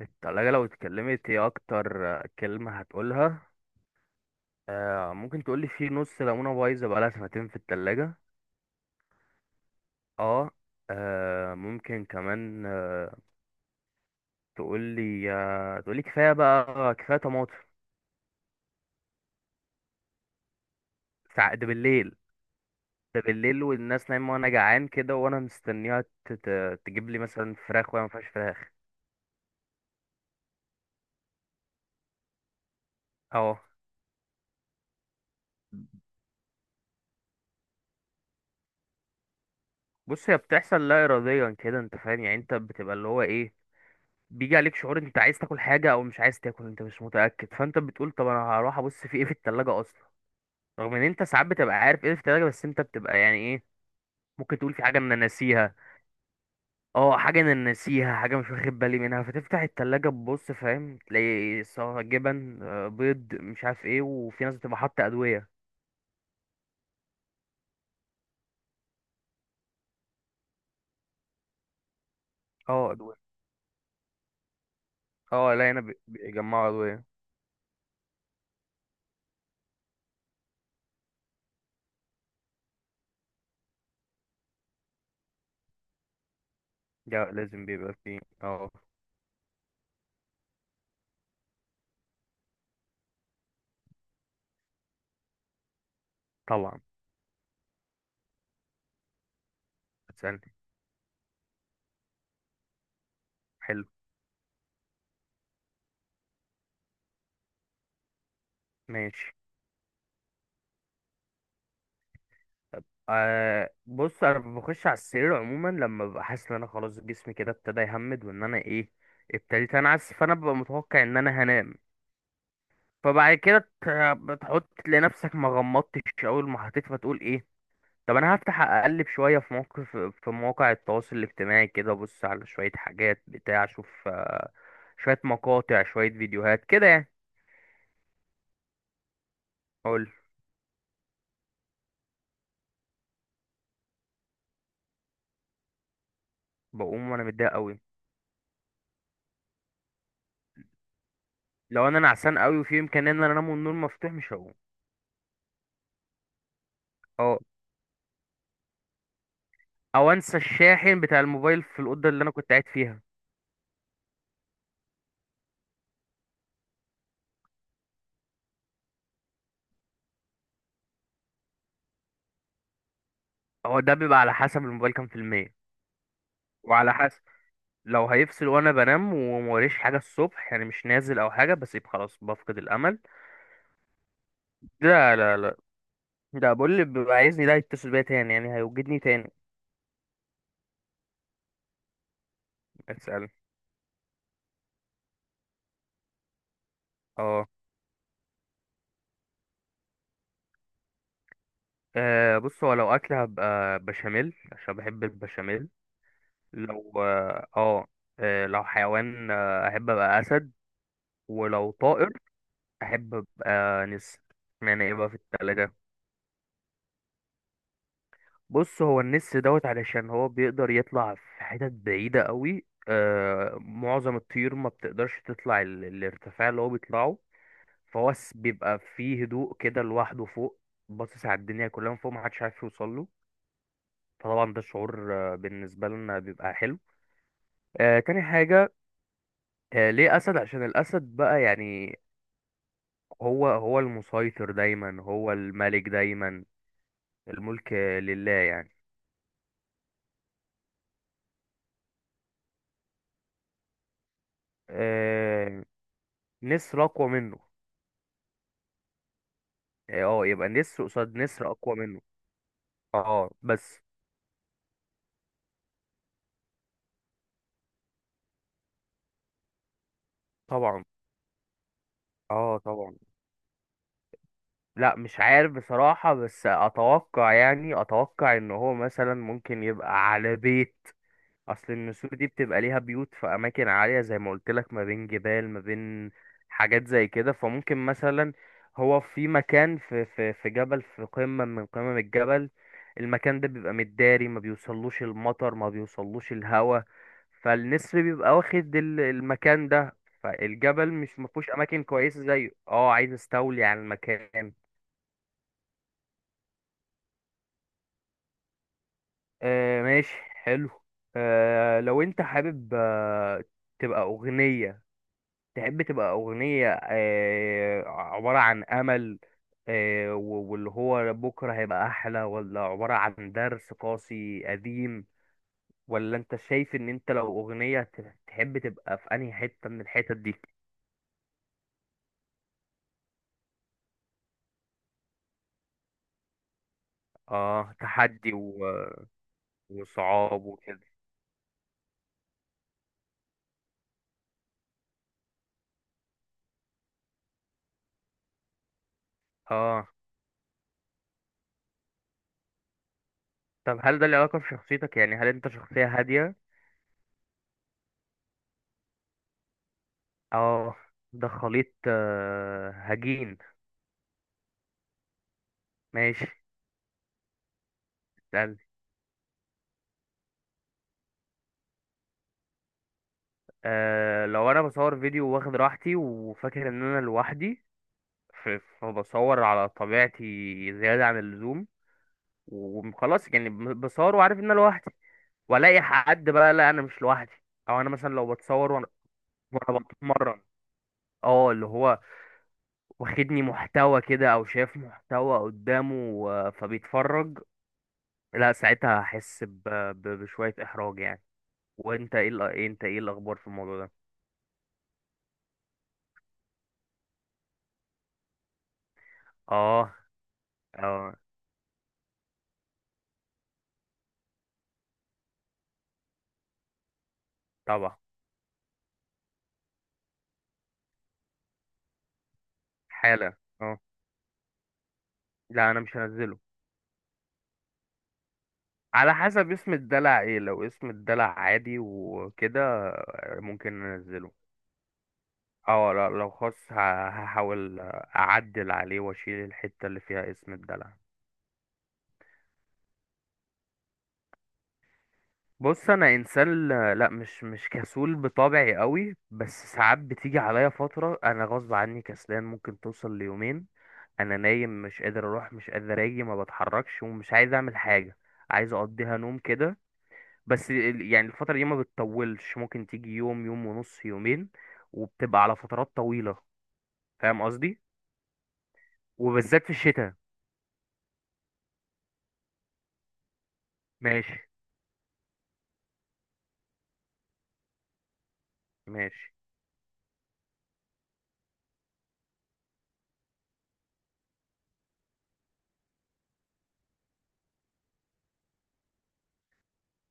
التلاجة لو اتكلمت هي أكتر كلمة هتقولها. آه، ممكن تقولي في نص ليمونة بايظة بقالها سنتين في التلاجة. اه. ممكن كمان تقولي، تقولي كفاية بقى، كفاية طماطم. ده بالليل. ده بالليل والناس نايمة وأنا جعان كده، وأنا مستنيها تجيب لي مثلا فراخ وهي مفيهاش فراخ. اه. بص، هي بتحصل لا إراديا كده، أنت فاهم، يعني أنت بتبقى اللي هو إيه، بيجي عليك شعور انت عايز تاكل حاجه او مش عايز تاكل، انت مش متاكد، فانت بتقول طب انا هروح ابص في ايه في التلاجة اصلا. رغم ان انت ساعات بتبقى عارف ايه في التلاجة، بس انت بتبقى يعني ايه. ممكن تقول في حاجه انا ناسيها. اه، حاجه انا ناسيها، حاجه مش واخد بالي منها، فتفتح التلاجة تبص، فاهم، تلاقي سواء جبن، بيض، مش عارف ايه، وفي ناس بتبقى حاطه ادويه. اه، ادويه. اه، لا، هنا بيجمعوا ادويه. ده لازم بيبقى فيه، اه. طبعا. هتسألني. حلو. ماشي. أه بص، انا بخش على السرير عموما لما ببقى حاسس ان انا خلاص جسمي كده ابتدى يهمد، وان انا ايه، ابتديت انعس، فانا ببقى متوقع ان انا هنام. فبعد كده ت- بتحط لنفسك ما غمضتش اول ما حطيت، فتقول ايه، طب انا هفتح اقلب شويه في موقف، في مواقع التواصل الاجتماعي كده، ابص على شويه حاجات بتاع اشوف، شويه مقاطع، شويه فيديوهات كده يعني. اقول. بقوم وانا متضايق قوي. لو انا نعسان قوي وفي امكانيه ان انا انام والنور مفتوح، مش هقوم. اه. او انسى الشاحن بتاع الموبايل في الاوضه اللي انا كنت قاعد فيها. هو ده بيبقى على حسب الموبايل كام في المية، وعلى حسب، لو هيفصل وانا بنام وموريش حاجه الصبح يعني مش نازل او حاجه، بسيب خلاص، بفقد الامل. لا لا لا. ده بقول اللي بيبقى عايزني ده يتصل بيا تاني، يعني هيوجدني تاني. اسال. اه. بص، هو لو اكل هبقى بشاميل عشان بحب البشاميل. لو اه آه، لو حيوان، احب ابقى اسد. ولو طائر احب ابقى نسر. معنى ايه بقى في التلاجة. بص، هو النس دوت علشان هو بيقدر يطلع في حتت بعيدة قوي، آه، معظم الطيور ما بتقدرش تطلع الارتفاع اللي هو بيطلعه. بيبقى فيه هدوء كده لوحده فوق، باصص على الدنيا كلها من فوق، محدش عارف يوصل له. فطبعا ده شعور، بالنسبة لنا بيبقى حلو. آه، تاني حاجة، آه، ليه أسد؟ عشان الأسد بقى يعني، هو المسيطر دايما، هو الملك دايما. الملك لله يعني. آه، نسر أقوى منه. اه، آه، يبقى نسر قصاد نسر اقوى منه. اه، بس. طبعا. اه طبعا. لا، مش عارف بصراحة، بس اتوقع يعني، اتوقع ان هو مثلا ممكن يبقى على بيت. اصل النسور دي بتبقى ليها بيوت في اماكن عاليه زي ما قلت لك، ما بين جبال، ما بين حاجات زي كده. فممكن مثلا هو في مكان في جبل، في قمه من قمم الجبل، المكان ده بيبقى متداري، ما بيوصلوش المطر، ما بيوصلوش الهواء. فالنسر بيبقى واخد المكان ده. فالجبل مش مفهوش اماكن كويسه زيه، اه، عايز استولي على المكان. آه ماشي. حلو. آه لو انت حابب، آه، تبقى اغنيه، تحب تبقى أغنية، عبارة عن أمل، واللي هو بكرة هيبقى أحلى، ولا عبارة عن درس قاسي قديم، ولا أنت شايف إن أنت لو أغنية تحب تبقى في أنهي حتة من الحتت دي؟ آه، تحدي وصعاب وكده. آه، طب هل ده له علاقة بشخصيتك؟ يعني هل أنت شخصية هادية؟ آه، ده خليط، هجين. ماشي. اسأل. آه، لو انا بصور فيديو واخد راحتي وفاكر ان انا لوحدي، ف- فبصور على طبيعتي زيادة عن اللزوم، وخلاص يعني، بصور وعارف ان انا لوحدي، والاقي حد بقى لا انا مش لوحدي. او انا مثلا لو بتصور وانا، وأنا بتمرن، اه، اللي هو واخدني محتوى كده او شايف محتوى قدامه فبيتفرج، لا ساعتها هحس بشوية احراج يعني. وانت ايه انت ايه الاخبار في الموضوع ده. اه. اه طبعا. حالا اه. لا انا مش هنزله. على حسب اسم الدلع ايه، لو اسم الدلع عادي وكده، ممكن ننزله. اه لا، لو خاص هحاول اعدل عليه واشيل الحتة اللي فيها اسم الدلع. بص انا انسان، لا مش كسول بطبعي قوي، بس ساعات بتيجي عليا فترة انا غصب عني كسلان، ممكن توصل ليومين. انا نايم مش قادر اروح، مش قادر اجي، ما بتحركش ومش عايز اعمل حاجة، عايز اقضيها نوم كده. بس يعني الفترة دي ما بتطولش، ممكن تيجي يوم، يوم ونص، يومين، وبتبقى على فترات طويلة، فاهم قصدي. وبالذات في الشتاء. ماشي. ماشي.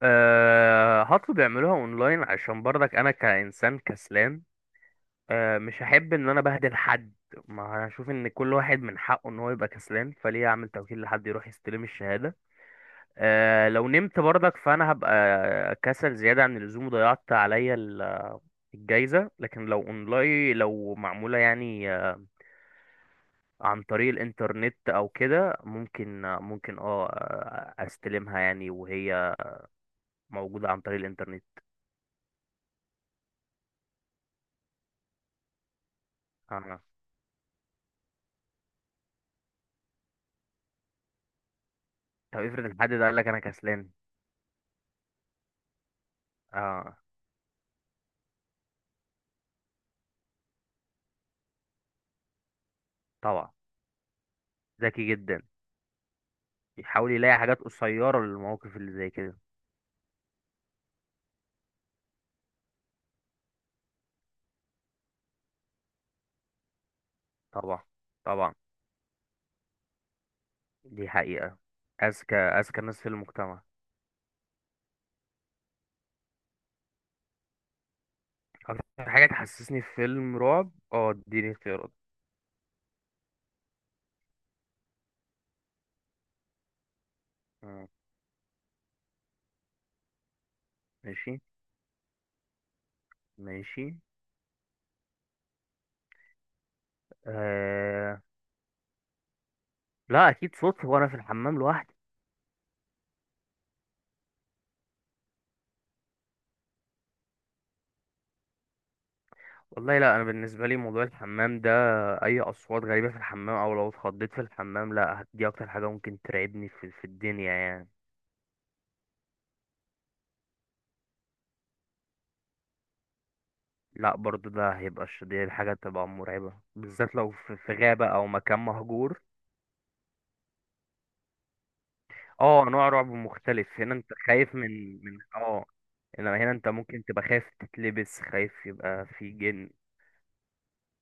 أه هطلب يعملوها اونلاين عشان برضك انا كإنسان كسلان، أه مش هحب ان انا بهدل حد. ما هشوف ان كل واحد من حقه ان هو يبقى كسلان، فليه اعمل توكيل لحد يروح يستلم الشهادة. أه لو نمت برضك فانا هبقى كسل زيادة عن اللزوم وضيعت عليا الجايزة، لكن لو اونلاين، لو معمولة يعني، عن طريق الانترنت او كده، ممكن ممكن استلمها يعني وهي موجودة عن طريق الانترنت. اه. طب افرض الحد ده قال لك انا كسلان. اه طبعا. ذكي جدا. يحاول يلاقي حاجات قصيرة للمواقف اللي زي كده. طبعا. طبعا. دي حقيقة. اذكى، اذكى الناس في المجتمع. اكتر حاجة تحسسني في فيلم رعب، اه اديني اختيارات. آه، ماشي. ماشي. آه، لا اكيد صوتي وانا في الحمام لوحدي. والله لا، انا بالنسبه لي موضوع الحمام ده، اي اصوات غريبه في الحمام، او لو اتخضيت في الحمام، لا دي اكتر حاجه ممكن ترعبني في، في الدنيا يعني. لا برضو ده هيبقى دي حاجه تبقى مرعبه، بالذات لو في، في غابه او مكان مهجور. اه، نوع رعب مختلف هنا، انت خايف من اه، انما هنا انت ممكن تبقى خايف تتلبس، خايف يبقى في جن.